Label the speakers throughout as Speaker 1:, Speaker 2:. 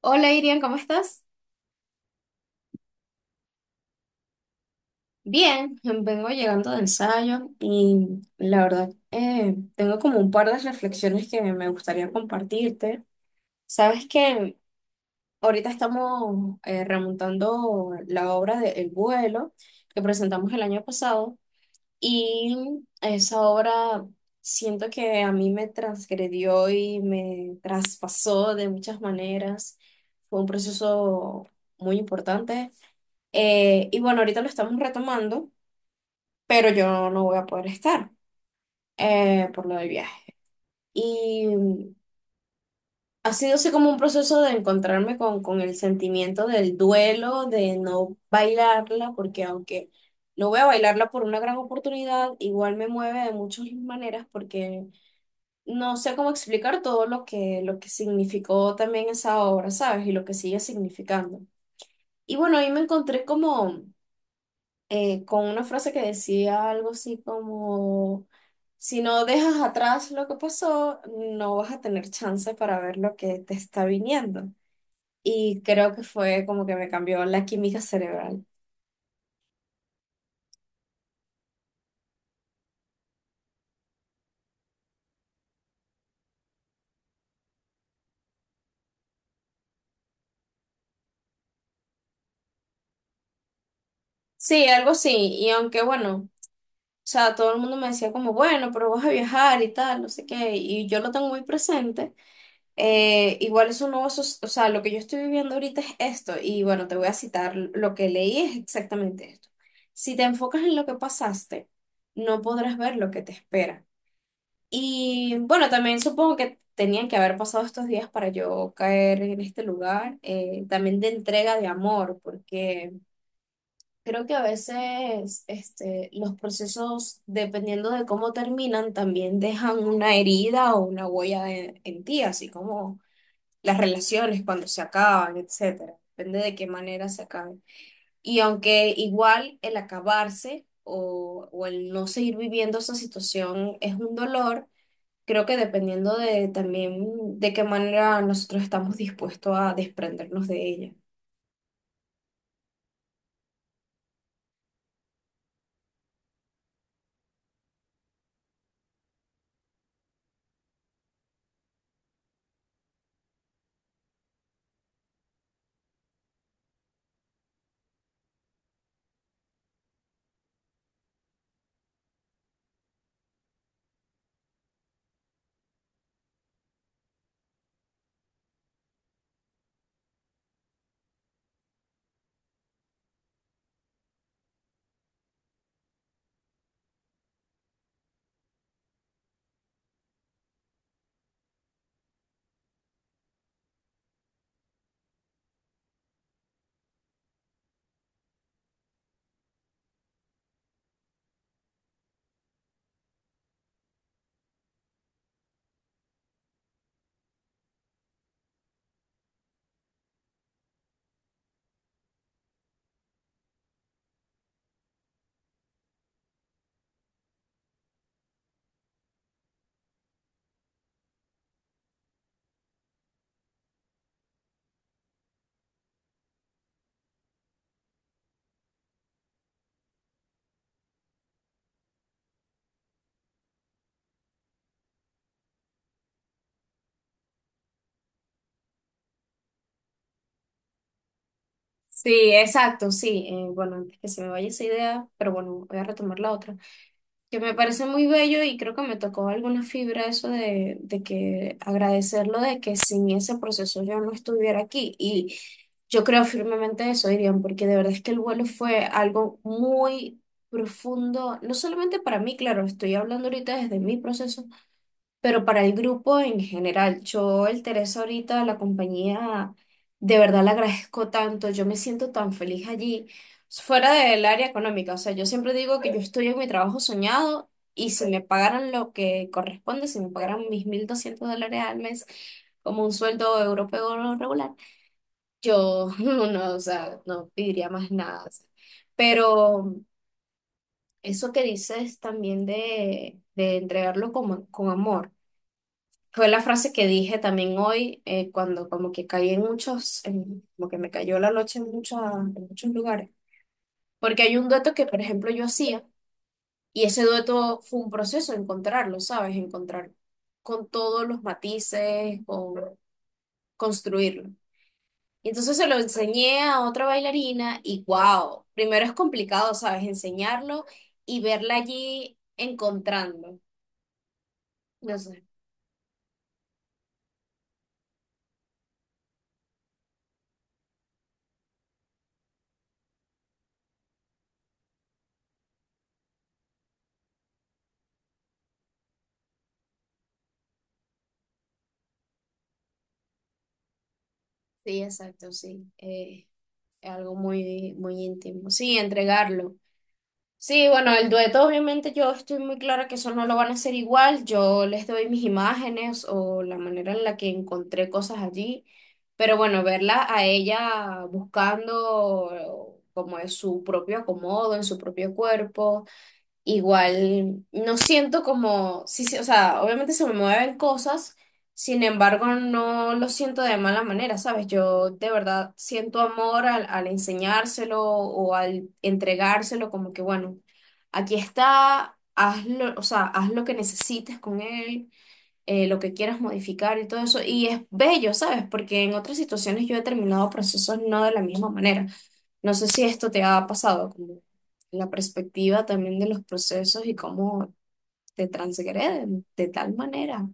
Speaker 1: Hola Irian, ¿cómo estás? Bien, vengo llegando de ensayo y la verdad tengo como un par de reflexiones que me gustaría compartirte. Sabes que ahorita estamos remontando la obra de El vuelo que presentamos el año pasado, y esa obra siento que a mí me transgredió y me traspasó de muchas maneras. Fue un proceso muy importante. Y bueno, ahorita lo estamos retomando, pero yo no voy a poder estar por lo del viaje. Y mm, ha sido así como un proceso de encontrarme con el sentimiento del duelo, de no bailarla, porque aunque no voy a bailarla por una gran oportunidad, igual me mueve de muchas maneras, porque no sé cómo explicar todo lo que significó también esa obra, ¿sabes? Y lo que sigue significando. Y bueno, ahí me encontré como con una frase que decía algo así como, si no dejas atrás lo que pasó, no vas a tener chance para ver lo que te está viniendo. Y creo que fue como que me cambió la química cerebral. Sí, algo así. Y aunque bueno, o sea, todo el mundo me decía como, bueno, pero vas a viajar y tal, no sé qué. Y yo lo tengo muy presente. Igual es un nuevo, o sea, lo que yo estoy viviendo ahorita es esto, y bueno, te voy a citar, lo que leí es exactamente esto. Si te enfocas en lo que pasaste, no podrás ver lo que te espera. Y bueno, también supongo que tenían que haber pasado estos días para yo caer en este lugar, también de entrega de amor, porque creo que a veces este, los procesos, dependiendo de cómo terminan, también dejan una herida o una huella en ti, así como las relaciones cuando se acaban, etcétera. Depende de qué manera se acaben. Y aunque igual el acabarse o el no seguir viviendo esa situación es un dolor, creo que dependiendo de también de qué manera nosotros estamos dispuestos a desprendernos de ella. Sí, exacto, sí. Bueno, antes que se me vaya esa idea, pero bueno, voy a retomar la otra, que me parece muy bello, y creo que me tocó alguna fibra eso de que agradecerlo, de que sin ese proceso yo no estuviera aquí. Y yo creo firmemente eso, Irian, porque de verdad es que El vuelo fue algo muy profundo, no solamente para mí, claro, estoy hablando ahorita desde mi proceso, pero para el grupo en general. Yo el Teresa ahorita, la compañía, de verdad la agradezco tanto, yo me siento tan feliz allí, fuera del área económica. O sea, yo siempre digo que yo estoy en mi trabajo soñado, y si me pagaran lo que corresponde, si me pagaran mis $1.200 al mes como un sueldo europeo regular, yo no, o sea, no pediría más nada. O sea. Pero eso que dices también de entregarlo con amor. Fue la frase que dije también hoy, cuando como que caí en muchos, como que me cayó la noche en, en muchos lugares. Porque hay un dueto que, por ejemplo, yo hacía, y ese dueto fue un proceso encontrarlo, ¿sabes? Encontrar con todos los matices, con construirlo. Y entonces se lo enseñé a otra bailarina, y wow, primero es complicado, ¿sabes? Enseñarlo y verla allí encontrando. No sé. Sí, exacto, sí. Es algo muy, muy íntimo. Sí, entregarlo. Sí, bueno, el dueto obviamente yo estoy muy clara que eso no lo van a hacer igual. Yo les doy mis imágenes o la manera en la que encontré cosas allí. Pero bueno, verla a ella buscando como es su propio acomodo, en su propio cuerpo. Igual no siento como, sí, sí, o sea, obviamente se me mueven cosas, sin embargo no lo siento de mala manera, ¿sabes? Yo de verdad siento amor al enseñárselo o al entregárselo, como que bueno, aquí está, hazlo, o sea, haz lo que necesites con él, lo que quieras modificar y todo eso. Y es bello, ¿sabes? Porque en otras situaciones yo he terminado procesos no de la misma manera. No sé si esto te ha pasado, como la perspectiva también de los procesos y cómo te transgreden de tal manera.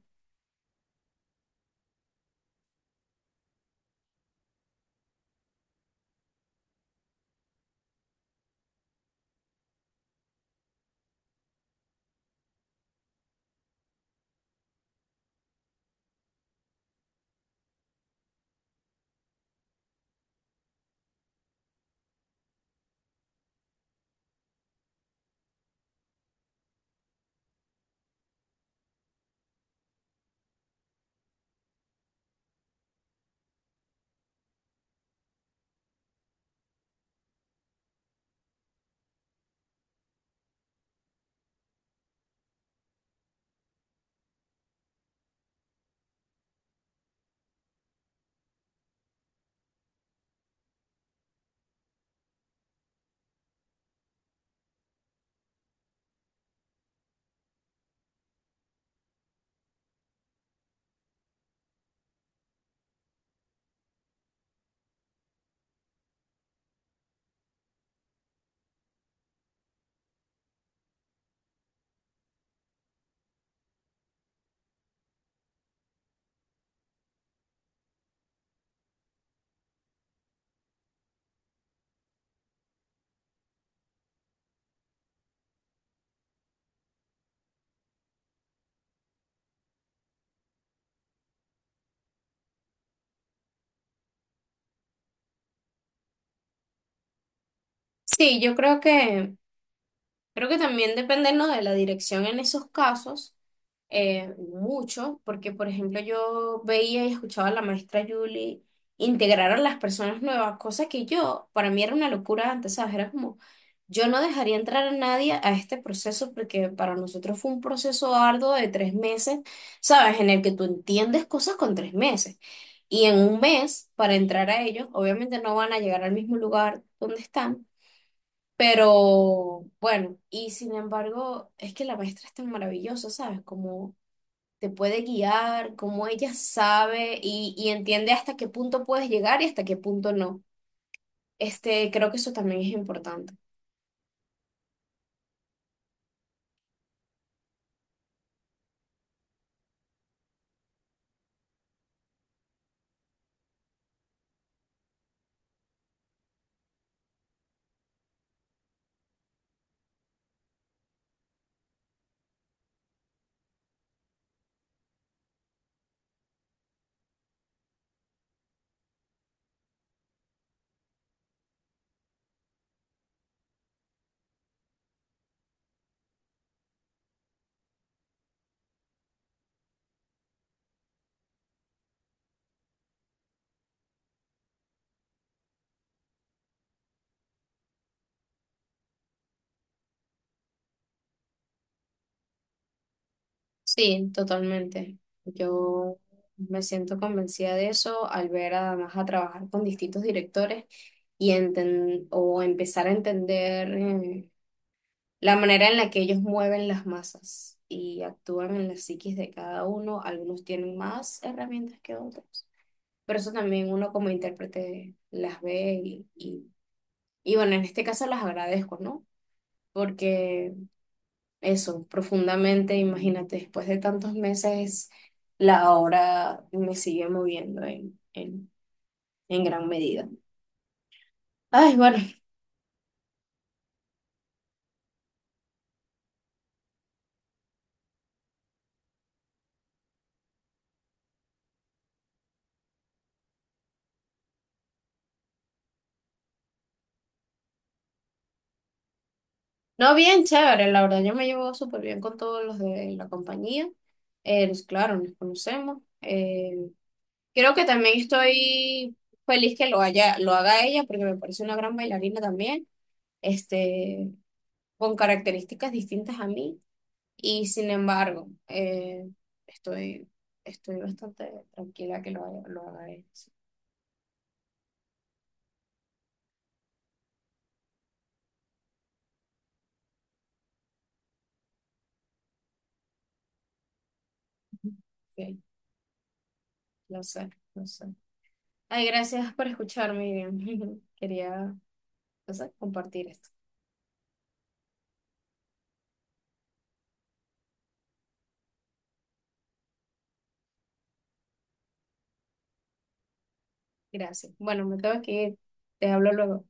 Speaker 1: Sí, yo creo que creo que también dependernos de la dirección en esos casos, mucho, porque por ejemplo yo veía y escuchaba a la maestra Julie integrar a las personas nuevas, cosa que yo, para mí era una locura antes, ¿sabes? Era como, yo no dejaría entrar a nadie a este proceso porque para nosotros fue un proceso arduo de 3 meses, ¿sabes? En el que tú entiendes cosas con 3 meses. Y en 1 mes, para entrar a ellos, obviamente no van a llegar al mismo lugar donde están, pero bueno. Y sin embargo, es que la maestra es tan maravillosa, ¿sabes? Como te puede guiar, como ella sabe y entiende hasta qué punto puedes llegar y hasta qué punto no. Este, creo que eso también es importante. Sí, totalmente. Yo me siento convencida de eso al ver además a trabajar con distintos directores y o empezar a entender la manera en la que ellos mueven las masas y actúan en las psiquis de cada uno. Algunos tienen más herramientas que otros, pero eso también uno como intérprete las ve y bueno, en este caso las agradezco, ¿no? Porque eso, profundamente, imagínate, después de tantos meses, la obra me sigue moviendo en gran medida. Ay, bueno, no, bien chévere, la verdad, yo me llevo súper bien con todos los de la compañía. Claro, nos conocemos. Creo que también estoy feliz que lo lo haga ella, porque me parece una gran bailarina también, este, con características distintas a mí. Y sin embargo, estoy, estoy bastante tranquila que lo lo haga ella. Sí. Ok, lo sé, lo sé. Ay, gracias por escucharme, Miriam. Quería, no sé, compartir esto. Gracias. Bueno, me tengo que ir. Te hablo luego.